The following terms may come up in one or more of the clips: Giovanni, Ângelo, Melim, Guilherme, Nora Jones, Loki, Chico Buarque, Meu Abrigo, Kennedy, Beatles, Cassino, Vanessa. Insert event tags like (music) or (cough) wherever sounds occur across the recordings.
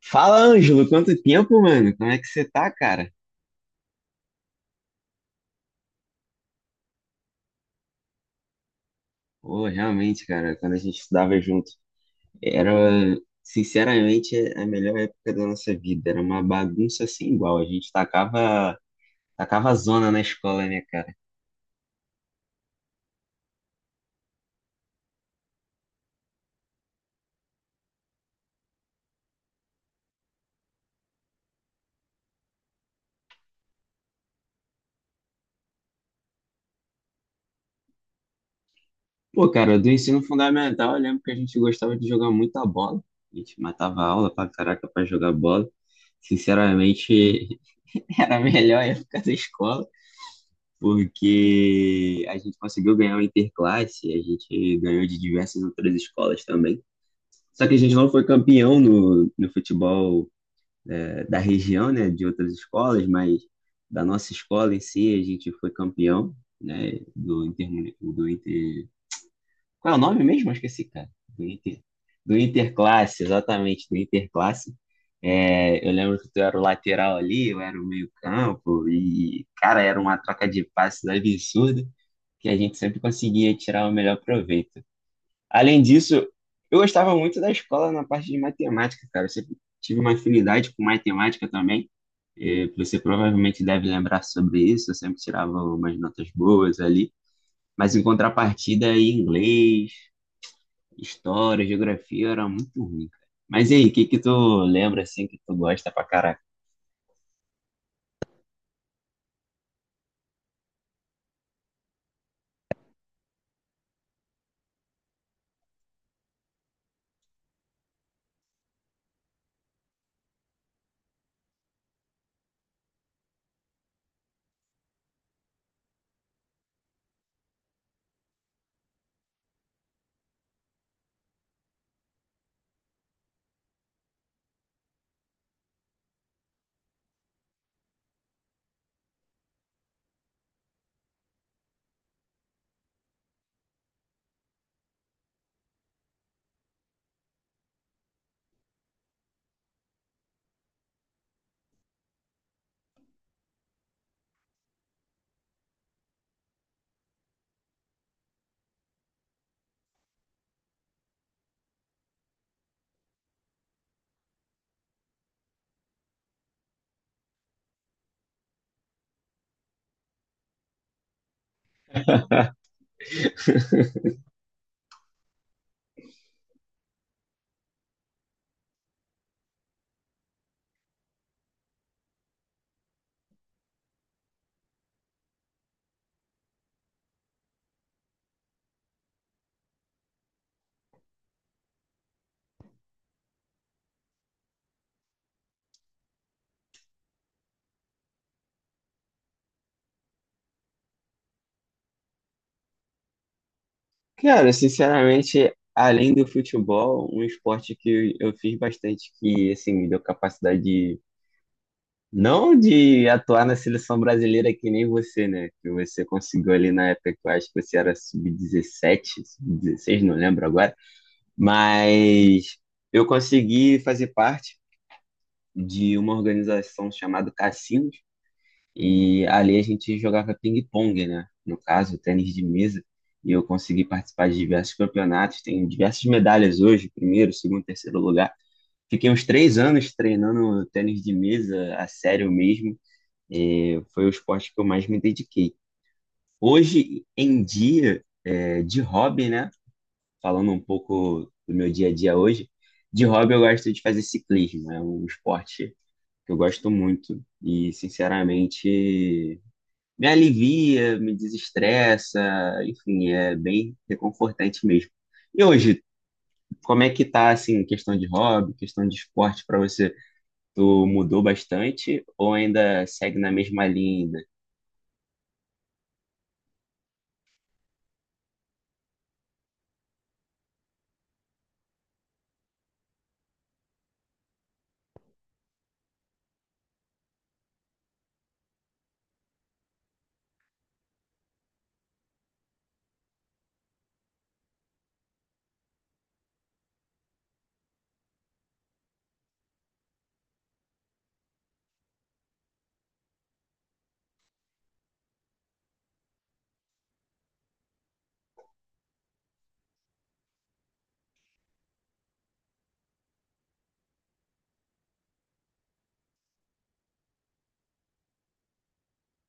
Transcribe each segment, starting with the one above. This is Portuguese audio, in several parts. Fala, Ângelo, quanto tempo, mano? Como é que você tá, cara? Pô, realmente, cara, quando a gente estudava junto, era, sinceramente, a melhor época da nossa vida. Era uma bagunça sem igual. A gente tacava zona na escola, né, cara? Pô, cara, do ensino fundamental, eu lembro que a gente gostava de jogar muita bola. A gente matava a aula pra caraca pra jogar bola. Sinceramente, (laughs) era a melhor época da escola, porque a gente conseguiu ganhar o Interclasse. A gente ganhou de diversas outras escolas também. Só que a gente não foi campeão no futebol, da região, né, de outras escolas. Mas da nossa escola em si a gente foi campeão, né, Qual é o nome mesmo? Eu esqueci, cara. Do Interclasse, exatamente, do Interclasse. É, eu lembro que tu era o lateral ali, eu era o meio campo, e, cara, era uma troca de passes absurda que a gente sempre conseguia tirar o melhor proveito. Além disso, eu gostava muito da escola na parte de matemática, cara. Eu sempre tive uma afinidade com matemática também. Você provavelmente deve lembrar sobre isso. Eu sempre tirava umas notas boas ali. Mas em contrapartida, em inglês, história, geografia era muito ruim, cara. Mas e aí, o que que tu lembra assim que tu gosta pra caraca? Cara, sinceramente, além do futebol, um esporte que eu fiz bastante que assim me deu capacidade de não de atuar na seleção brasileira que nem você, né? Que você conseguiu ali na época que eu acho que você era sub-16, não lembro agora. Mas eu consegui fazer parte de uma organização chamada Cassinos. E ali a gente jogava ping-pong, né? No caso, tênis de mesa. E eu consegui participar de diversos campeonatos. Tenho diversas medalhas hoje, primeiro, segundo, terceiro lugar. Fiquei uns 3 anos treinando tênis de mesa a sério mesmo. Foi o esporte que eu mais me dediquei. Hoje em dia, de hobby, né? Falando um pouco do meu dia a dia hoje, de hobby eu gosto de fazer ciclismo. É um esporte que eu gosto muito e, sinceramente, me alivia, me desestressa, enfim, é bem reconfortante mesmo. E hoje, como é que tá, assim, questão de hobby, questão de esporte para você? Tu mudou bastante ou ainda segue na mesma linha? Ainda?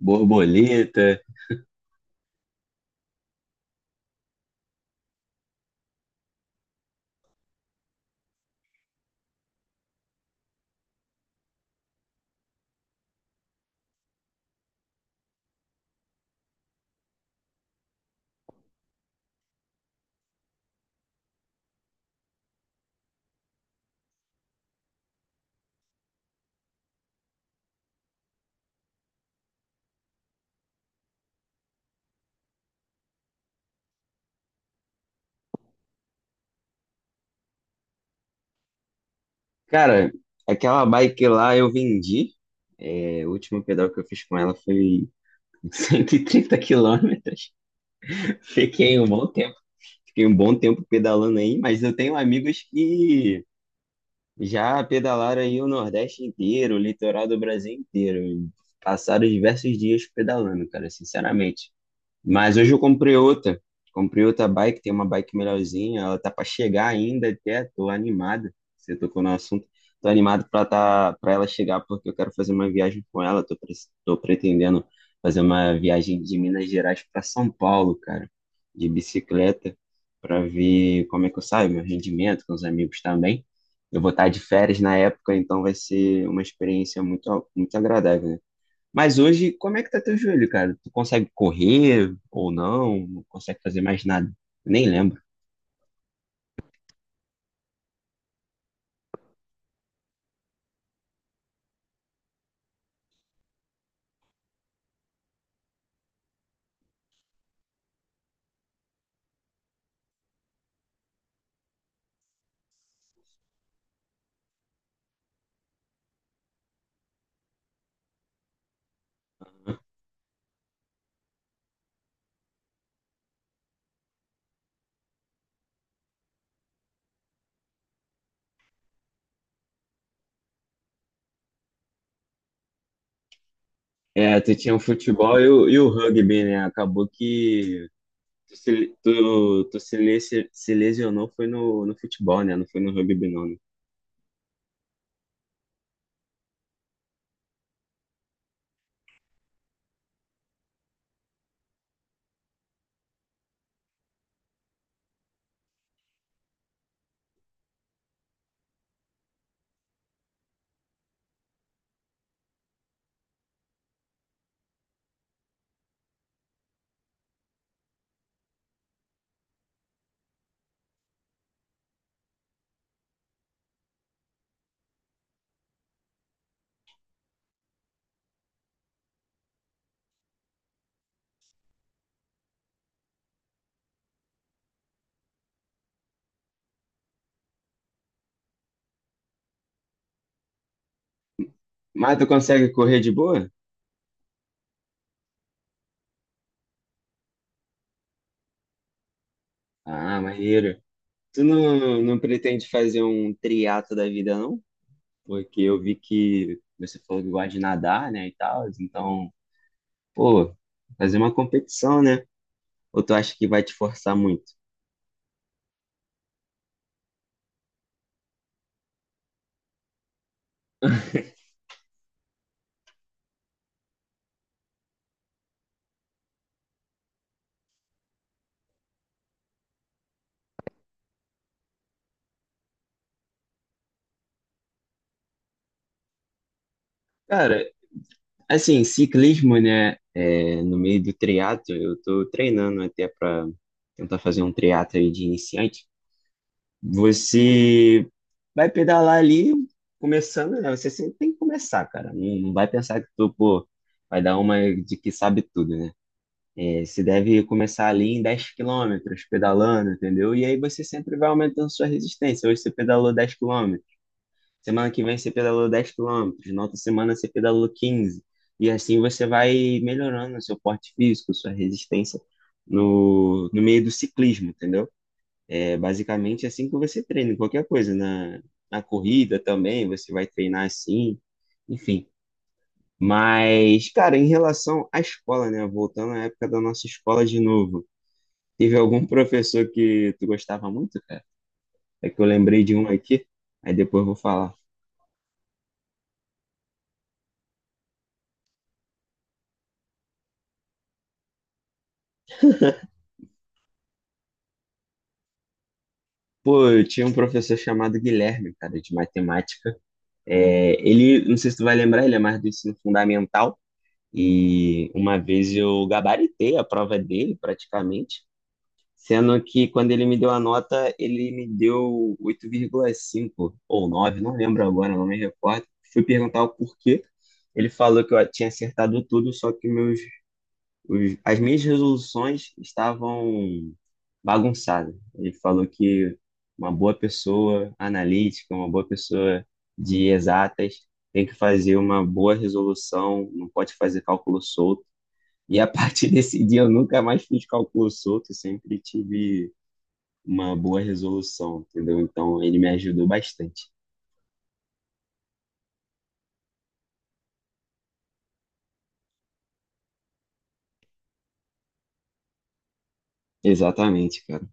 Borboleta. Cara, aquela bike lá eu vendi. É, o último pedal que eu fiz com ela foi (laughs) 130 km. (laughs) Fiquei um bom tempo. Fiquei um bom tempo pedalando aí, mas eu tenho amigos que já pedalaram aí o Nordeste inteiro, o litoral do Brasil inteiro, e passaram diversos dias pedalando, cara, sinceramente. Mas hoje eu comprei outra. Comprei outra bike, tem uma bike melhorzinha. Ela tá para chegar ainda até. Tô animado. Você tocou no assunto. Tô animado para tá, para ela chegar porque eu quero fazer uma viagem com ela. Tô pretendendo fazer uma viagem de Minas Gerais para São Paulo, cara, de bicicleta, para ver como é que eu saio, meu rendimento com os amigos também. Eu vou estar de férias na época, então vai ser uma experiência muito, muito agradável, né? Mas hoje, como é que tá teu joelho, cara? Tu consegue correr ou não? Não consegue fazer mais nada? Nem lembro. É, tu tinha o futebol e o, rugby, né? Acabou que tu se, tu, tu se, le- se- se lesionou foi no futebol, né? Não foi no rugby, não, né? Mas tu consegue correr de boa? Ah, maneiro. Tu não, não pretende fazer um triatlo da vida, não? Porque eu vi que você falou que gosta de nadar, né, e tal. Então, pô, fazer uma competição, né? Ou tu acha que vai te forçar muito? Cara, assim, ciclismo, né? No meio do triatlo, eu tô treinando até para tentar fazer um triatlo aí de iniciante. Você vai pedalar ali, começando, né? Você sempre tem que começar, cara. Não, não vai pensar que tu, pô, vai dar uma de que sabe tudo, né? É, você deve começar ali em 10 km pedalando, entendeu? E aí você sempre vai aumentando sua resistência. Hoje você pedalou 10 km. Semana que vem você pedalou 10 km, na outra semana você pedalou 15. E assim você vai melhorando o seu porte físico, sua resistência no meio do ciclismo, entendeu? É basicamente assim que você treina, em qualquer coisa. Na corrida também, você vai treinar assim, enfim. Mas, cara, em relação à escola, né? Voltando à época da nossa escola de novo, teve algum professor que tu gostava muito, cara? É que eu lembrei de um aqui, aí depois eu vou falar. Pô, eu tinha um professor chamado Guilherme, cara, de matemática. É, ele, não sei se tu vai lembrar, ele é mais do ensino fundamental. E uma vez eu gabaritei a prova dele, praticamente. Sendo que quando ele me deu a nota, ele me deu 8,5 ou 9, não lembro agora, não me recordo. Fui perguntar o porquê. Ele falou que eu tinha acertado tudo, só que as minhas resoluções estavam bagunçadas. Ele falou que uma boa pessoa analítica, uma boa pessoa de exatas, tem que fazer uma boa resolução, não pode fazer cálculo solto. E a (laughs) partir desse dia eu nunca mais fiz cálculo solto, eu sempre tive uma boa resolução, entendeu? Então ele me ajudou bastante. Exatamente, cara.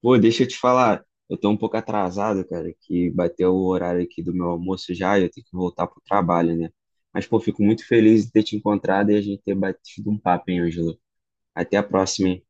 Pô, deixa eu te falar, eu tô um pouco atrasado, cara, que bateu o horário aqui do meu almoço já e eu tenho que voltar pro trabalho, né? Mas, pô, fico muito feliz de ter te encontrado e a gente ter batido um papo, hein, Ângelo? Até a próxima, hein?